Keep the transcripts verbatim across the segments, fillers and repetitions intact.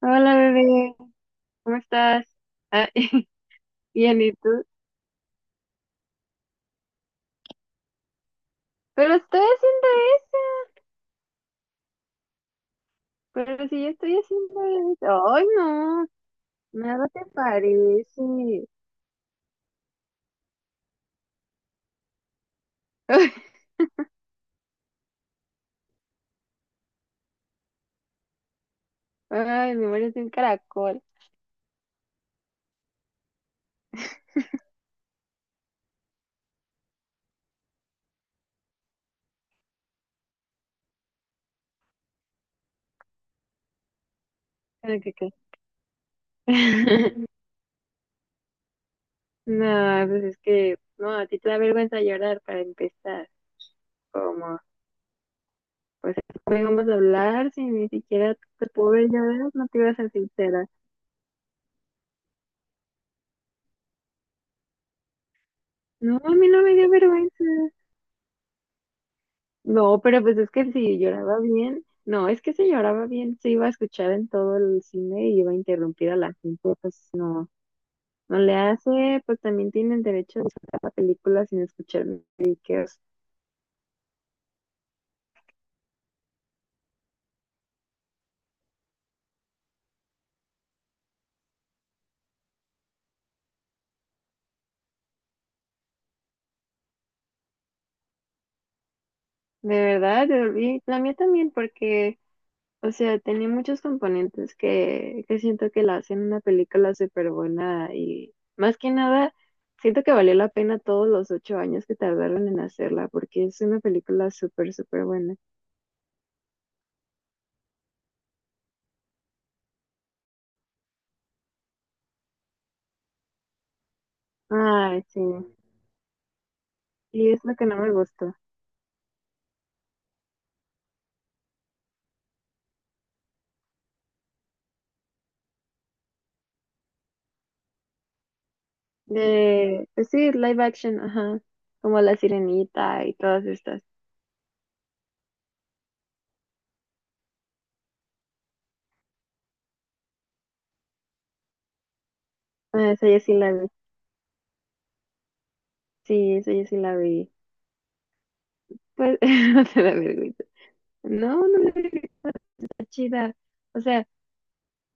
Hola bebé, ¿cómo estás? Ah, bien, ¿y tú? Pero estoy haciendo eso, pero si yo estoy haciendo eso. ¡Ay, no! Nada te parece. Ay, me mueres de un caracol. Ay, ¿Qué, qué? No, pues es que, no, a ti te da vergüenza llorar para empezar. Como, pues, ¿cómo íbamos a hablar si ni siquiera te puedo ver llorar? No te ibas a ser sincera. No, a mí no me dio vergüenza. No, pero pues es que si lloraba bien, no, es que si lloraba bien se iba a escuchar en todo el cine y iba a interrumpir a la gente, pues no, no le hace, pues también tienen derecho a disfrutar la película sin escuchar musiqueos. De verdad, yo- y la mía también, porque, o sea, tenía muchos componentes que, que siento que la hacen una película súper buena y más que nada, siento que valió la pena todos los ocho años que tardaron en hacerla, porque es una película súper, súper buena. Ay, sí. Y es lo que no me gustó. De, pues sí, live action, ajá. Como La Sirenita y todas estas. Ah, esa yo sí la vi. Sí, esa yo sí la vi. Pues no te da vergüenza. No, no me da vergüenza chida. O sea,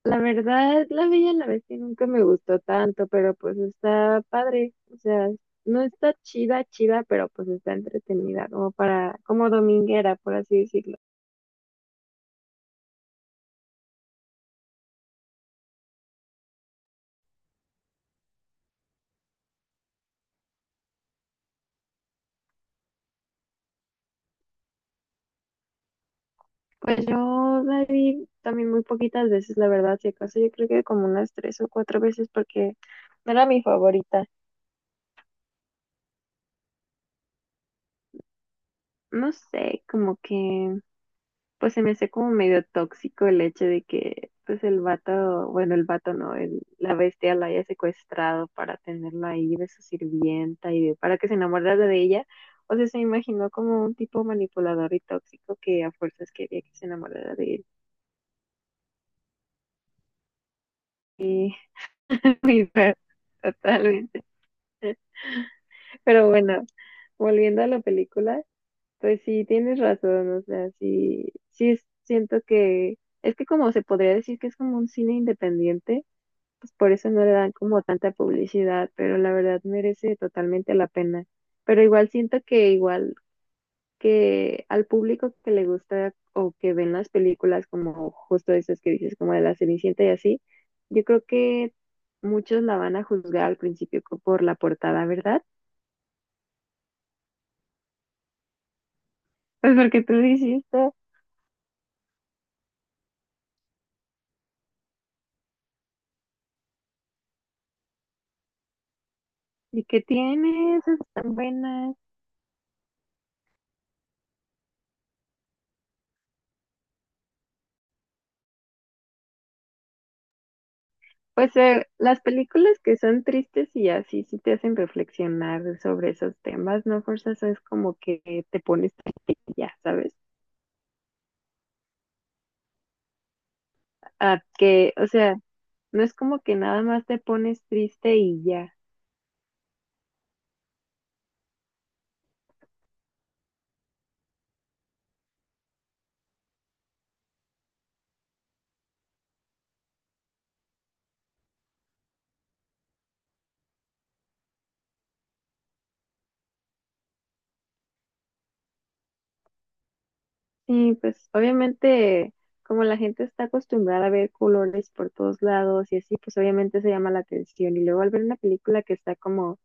la verdad, La Bella y la Bestia nunca me gustó tanto, pero pues está padre. O sea, no está chida, chida, pero pues está entretenida, como para, como dominguera, por así decirlo. Pues yo la vi también muy poquitas veces, la verdad, si acaso yo creo que como unas tres o cuatro veces porque no era mi favorita. No sé, como que pues se me hace como medio tóxico el hecho de que pues el vato, bueno, el vato no, el- la bestia la haya secuestrado para tenerla ahí de su sirvienta y de- para que se enamorara de ella. O sea, se me imaginó como un tipo manipulador y tóxico que a fuerzas quería que se enamorara de él. Y, y fue totalmente. Pero bueno. Volviendo a la película, pues sí tienes razón, o sea, sí, sí es- siento que es que como se podría decir que es como un cine independiente, pues por eso no le dan como tanta publicidad, pero la verdad merece totalmente la pena. Pero igual siento que igual que al público que le gusta o que ven las películas como justo esas que dices, como de la Cenicienta y así, yo creo que muchos la van a juzgar al principio co- por la portada, ¿verdad? Pues porque tú lo hiciste. ¿Y qué tiene? Esas tan buenas. Pues eh, las películas que son tristes y así sí te hacen reflexionar sobre esos temas, no fuerzas es como que te pones triste y ya, ¿sabes? A que, o sea, no es como que nada más te pones triste y ya. Sí, pues obviamente como la gente está acostumbrada a ver colores por todos lados y así, pues obviamente se llama la atención. Y luego al ver una película que está como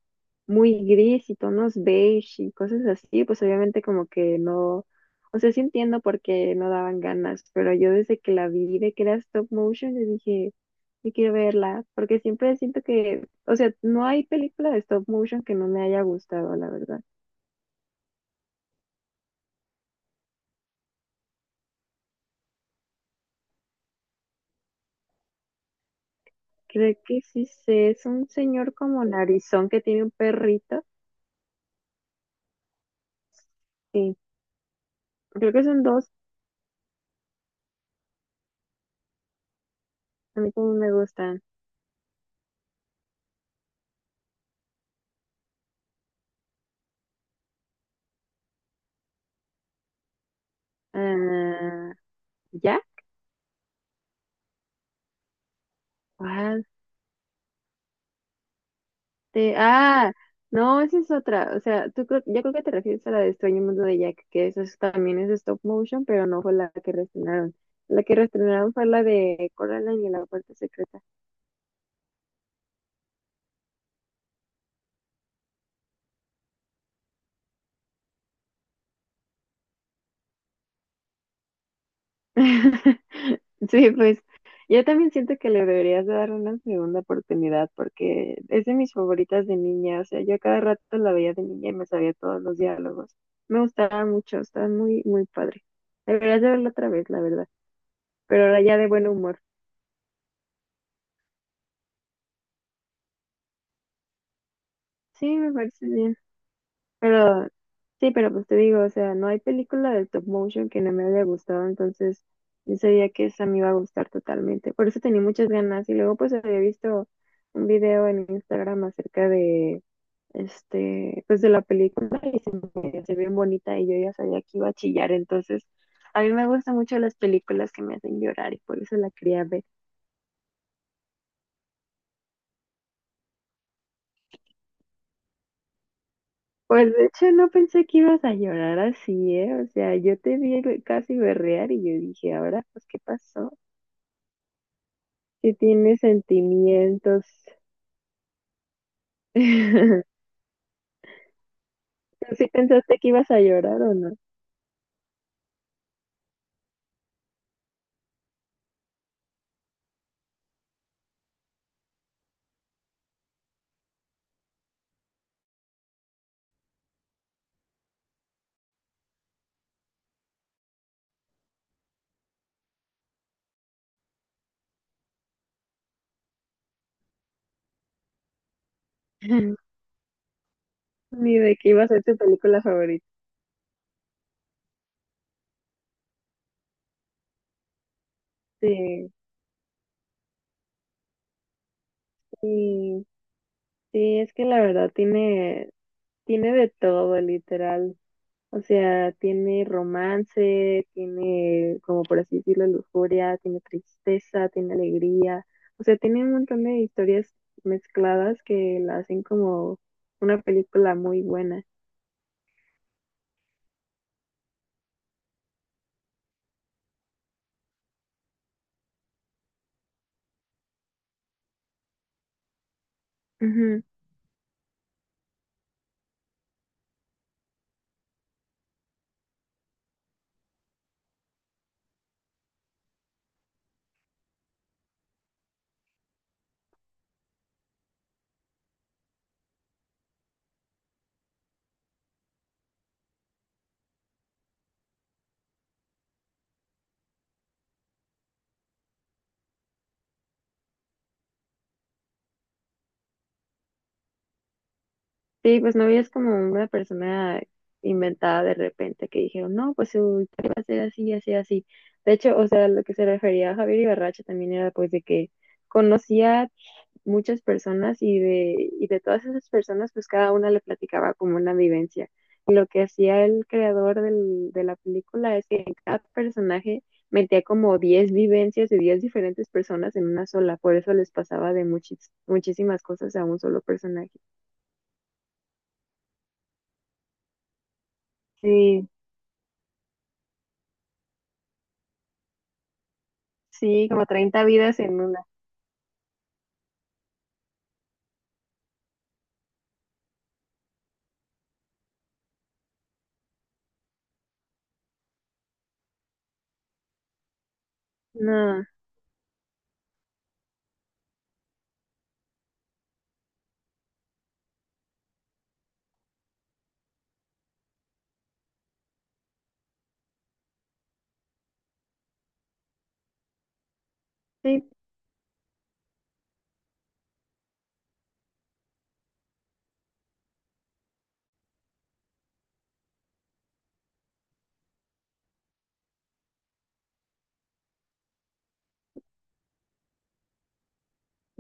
muy gris y tonos beige y cosas así, pues obviamente como que no, o sea, sí entiendo por qué no daban ganas, pero yo desde que la vi de que era stop motion, yo dije, yo quiero verla, porque siempre siento que, o sea, no hay película de stop motion que no me haya gustado, la verdad. Creo que sí sé, es un señor como narizón que tiene un perrito, sí, creo que son dos, a mí como me gustan. Ah, ¿ya? Te- ah, no, esa es otra. O sea, tú creo, yo creo que te refieres a la de Extraño Mundo de Jack, que eso es- también es stop motion, pero no fue la que reestrenaron. La que reestrenaron fue la de Coraline y la puerta secreta. Sí, pues yo también siento que le deberías de dar una segunda oportunidad porque es de mis favoritas de niña. O sea, yo a cada rato la veía de niña y me sabía todos los diálogos. Me gustaba mucho, estaba muy, muy padre. Deberías de verla otra vez, la verdad. Pero ahora ya de buen humor. Sí, me parece bien. Pero sí, pero pues te digo, o sea, no hay película de stop motion que no me haya gustado, entonces yo sabía que esa me iba a gustar totalmente. Por eso tenía muchas ganas y luego pues había visto un video en Instagram acerca de este, pues de la película que se ve bien bonita y yo ya sabía que iba a chillar, entonces a mí me gustan mucho las películas que me hacen llorar y por eso la quería ver. Pues de hecho no pensé que ibas a llorar así, ¿eh? O sea, yo te vi eh, casi berrear y yo dije, ahora pues ¿qué pasó? Si tiene sentimientos. ¿Tú sí pensaste que ibas a llorar o no? Ni de que iba a ser tu película favorita. Sí, sí, sí, es que la verdad tiene, tiene de todo, literal. O sea, tiene romance, tiene, como por así decirlo, lujuria, tiene tristeza, tiene alegría. O sea, tiene un montón de historias mezcladas que la hacen como una película muy buena. Ujú. Sí, pues no es como una persona inventada de repente que dijeron, no, pues su historia va a ser así, así, así. De hecho, o sea, lo que se refería a Javier Ibarracha también era pues de que conocía muchas personas y de, y de todas esas personas pues cada una le platicaba como una vivencia. Y lo que hacía el creador del- de la película es que en cada personaje metía como diez vivencias de diez diferentes personas en una sola, por eso les pasaba de muchis- muchísimas cosas a un solo personaje. Sí. Sí, como treinta vidas en una. No, sí,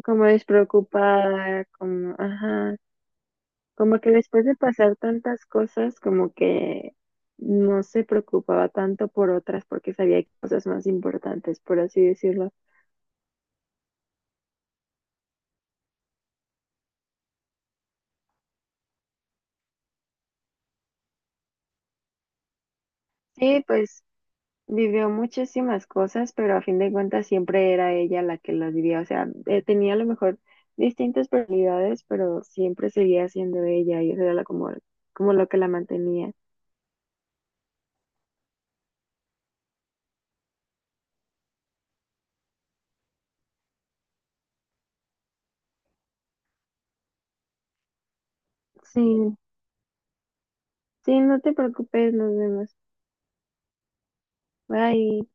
como despreocupada, como, ajá, como que después de pasar tantas cosas, como que no se preocupaba tanto por otras porque sabía cosas más importantes, por así decirlo. Sí, pues vivió muchísimas cosas, pero a fin de cuentas siempre era ella la que las vivía. O sea, eh, tenía a lo mejor distintas personalidades, pero siempre seguía siendo ella y eso era la- como, como lo que la mantenía. Sí, sí, no te preocupes, nos vemos. Bye.